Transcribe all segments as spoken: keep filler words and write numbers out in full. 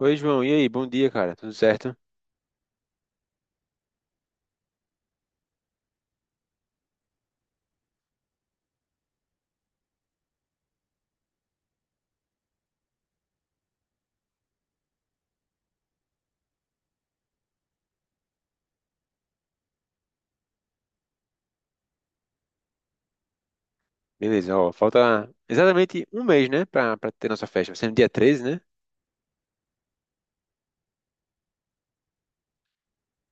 Oi, João. E aí? Bom dia, cara. Tudo certo? Beleza, ó. Falta exatamente um mês, né? Pra, pra ter nossa festa. Vai ser no dia treze, né?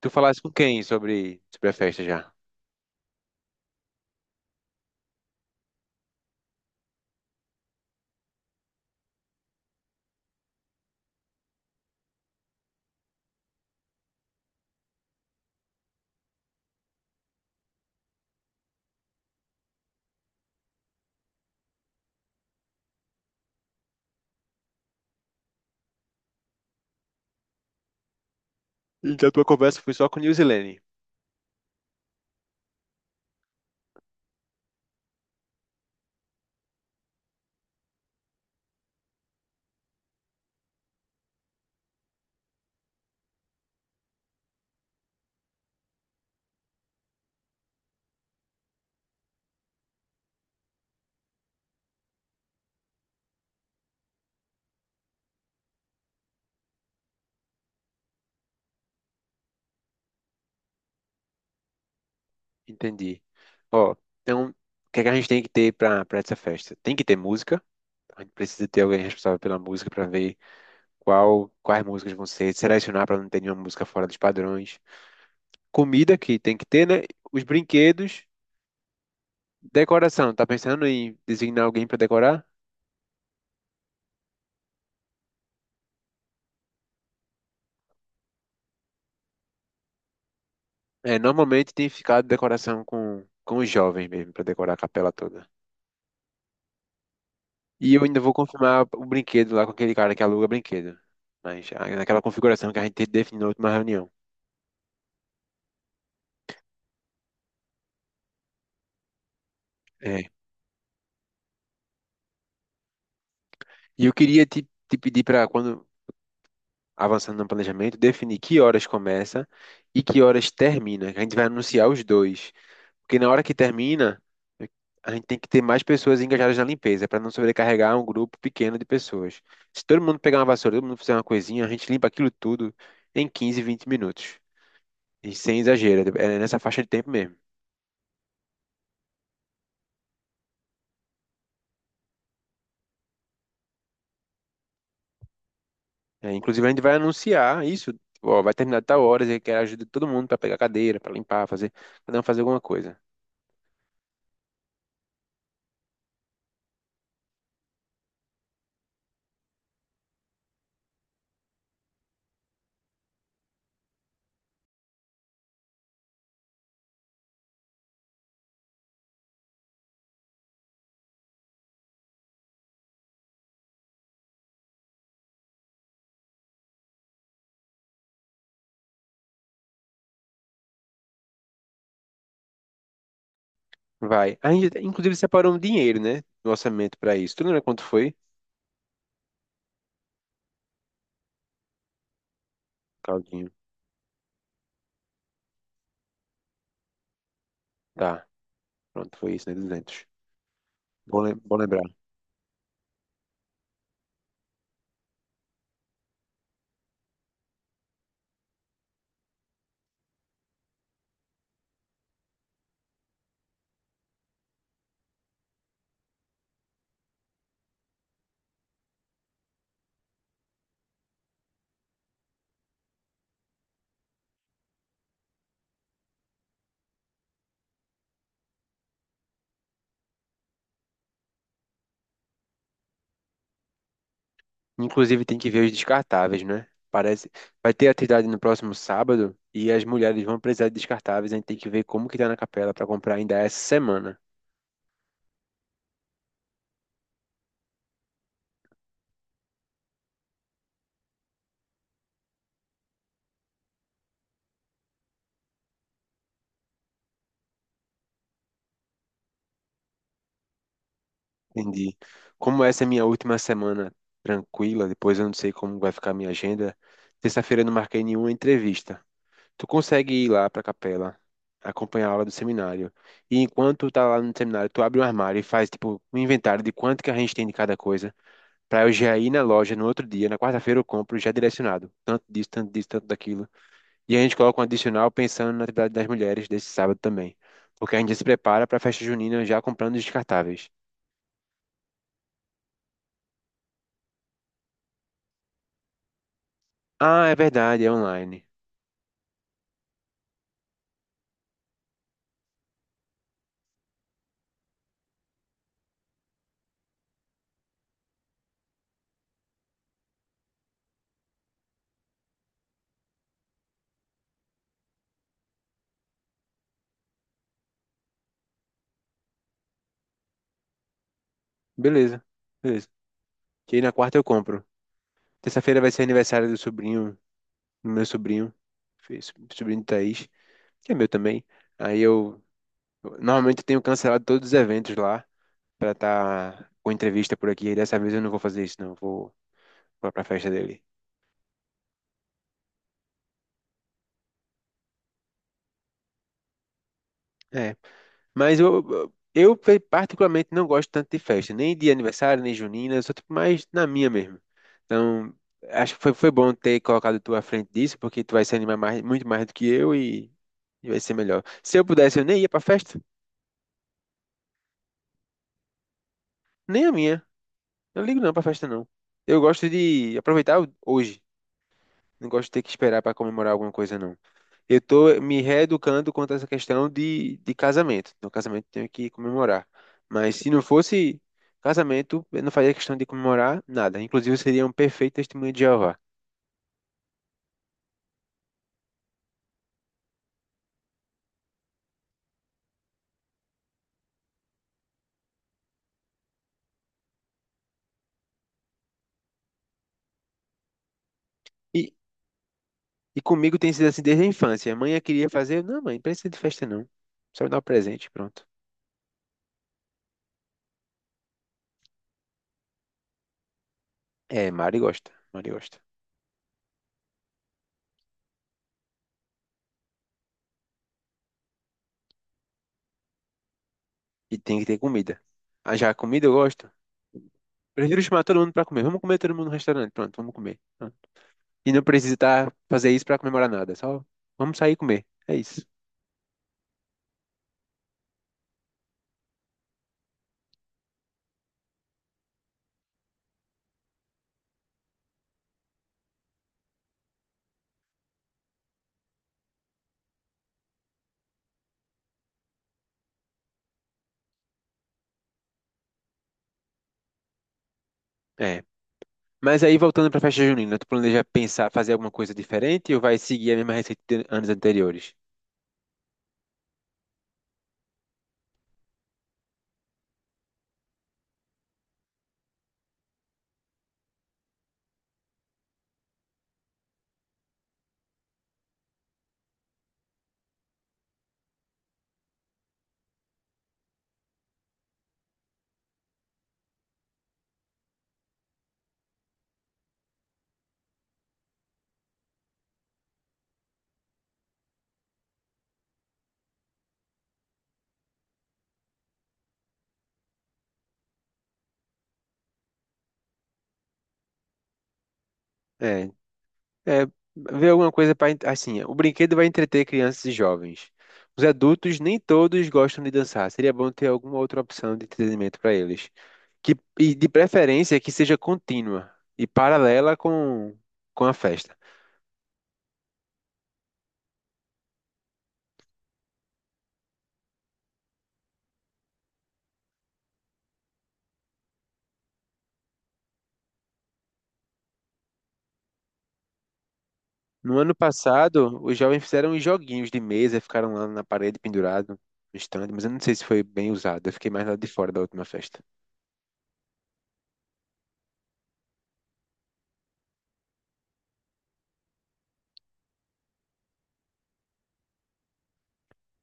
Tu falaste com quem sobre, sobre a festa já? Então, a tua conversa foi só com Nilzilene. Entendi. Ó, então, o que é que a gente tem que ter pra, pra essa festa? Tem que ter música. A gente precisa ter alguém responsável pela música pra ver qual, quais músicas vão ser, selecionar pra não ter nenhuma música fora dos padrões. Comida, que tem que ter, né? Os brinquedos. Decoração. Tá pensando em designar alguém pra decorar? É, normalmente tem ficado decoração com, com os jovens mesmo, pra decorar a capela toda. E eu ainda vou confirmar o brinquedo lá com aquele cara que aluga brinquedo. Mas ah, naquela configuração que a gente definiu na última reunião. É. E eu queria te, te pedir para, quando avançando no planejamento, definir que horas começa e que horas termina. Que A gente vai anunciar os dois. Porque na hora que termina, a gente tem que ter mais pessoas engajadas na limpeza, para não sobrecarregar um grupo pequeno de pessoas. Se todo mundo pegar uma vassoura, todo mundo fizer uma coisinha, a gente limpa aquilo tudo em quinze, vinte minutos. E sem exagero, é nessa faixa de tempo mesmo. É, inclusive, a gente vai anunciar isso. Ó, vai terminar de tal hora, eu quero a ajuda de todo mundo para pegar cadeira, para limpar, fazer, cada um fazer alguma coisa. Vai. A gente, inclusive, separou um dinheiro, né? Do orçamento para isso. Tu lembra quanto foi? Caldinho. Tá, pronto, foi isso, né? Duzentos. Bom, lem- bom lembrar. Inclusive tem que ver os descartáveis, né? Parece. Vai ter atividade no próximo sábado e as mulheres vão precisar de descartáveis. A gente tem que ver como que tá na capela para comprar ainda essa semana. Entendi. Como essa é minha última semana tranquila, depois eu não sei como vai ficar a minha agenda. Terça-feira eu não marquei nenhuma entrevista. Tu consegue ir lá para a capela, acompanhar a aula do seminário. E enquanto tá lá no seminário, tu abre um armário e faz tipo um inventário de quanto que a gente tem de cada coisa. Pra eu já ir na loja no outro dia, na quarta-feira eu compro já direcionado. Tanto disso, tanto disso, tanto daquilo. E a gente coloca um adicional pensando na atividade das mulheres desse sábado também. Porque a gente se prepara pra festa junina já comprando os descartáveis. Ah, é verdade, é online. Beleza, beleza. Que aí na quarta eu compro. Terça-feira vai ser aniversário do sobrinho, do meu sobrinho, fi- sobrinho de Thaís, que é meu também. Aí eu normalmente eu tenho cancelado todos os eventos lá pra estar com entrevista por aqui. E dessa vez eu não vou fazer isso, não. Vou vou pra festa dele. É, mas eu, eu eu, particularmente não gosto tanto de festa, nem de aniversário, nem junina, eu sou tipo mais na minha mesmo. Então, acho que foi, foi bom ter colocado tu à frente disso, porque tu vai se animar mais, muito mais do que eu e, e vai ser melhor. Se eu pudesse, eu nem ia pra festa, nem a minha. Eu não ligo não pra festa, não. Eu gosto de aproveitar o- hoje, não gosto de ter que esperar pra comemorar alguma coisa, não. Eu tô me reeducando quanto a essa questão de, de casamento. No casamento tenho que comemorar. Mas se não fosse casamento, eu não faria questão de comemorar nada. Inclusive, eu seria um perfeito testemunho de Jeová. E, e comigo tem sido assim desde a infância. A mãe queria fazer. eu, Não, mãe, não precisa de festa, não. Só me dá um presente, pronto. É, Mari gosta. Mari gosta. E tem que ter comida. Ah, já a comida eu gosto. Prefiro chamar todo mundo para comer. Vamos comer todo mundo no restaurante. Pronto, vamos comer. Pronto. E não precisa tá, fazer isso para comemorar nada. Só vamos sair e comer. É isso. É. Mas aí, voltando para a festa junina, tu planeja pensar, fazer alguma coisa diferente ou vai seguir a mesma receita de anos anteriores? É, é Ver alguma coisa para... Assim, o brinquedo vai entreter crianças e jovens. Os adultos, nem todos gostam de dançar. Seria bom ter alguma outra opção de entretenimento para eles. Que, e de preferência que seja contínua e paralela com, com a festa. No ano passado, os jovens fizeram uns joguinhos de mesa, ficaram lá na parede pendurado no stand, mas eu não sei se foi bem usado. Eu fiquei mais lá de fora da última festa.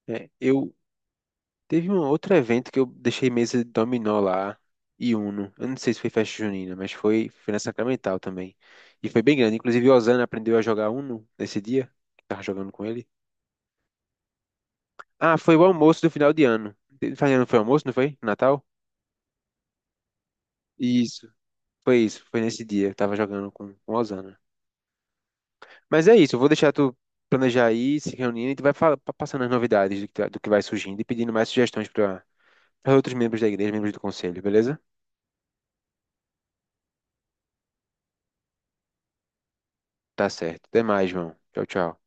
É, eu Teve um outro evento que eu deixei mesa de dominó lá e Uno. Eu não sei se foi festa junina, mas foi, foi na Sacramental também. E foi bem grande. Inclusive, o Osana aprendeu a jogar Uno nesse dia. Que Tava jogando com ele. Ah, foi o almoço do final de ano. Final de ano foi almoço, não foi? Natal? Isso, foi isso. Foi nesse dia. Eu tava jogando com, com o Osana. Mas é isso, eu vou deixar tu planejar aí, se reunindo, e tu vai fa- pa- passando as novidades do que, tá- do que vai surgindo e pedindo mais sugestões para outros membros da igreja, membros do conselho, beleza? Tá certo. Até mais, João. Tchau, tchau.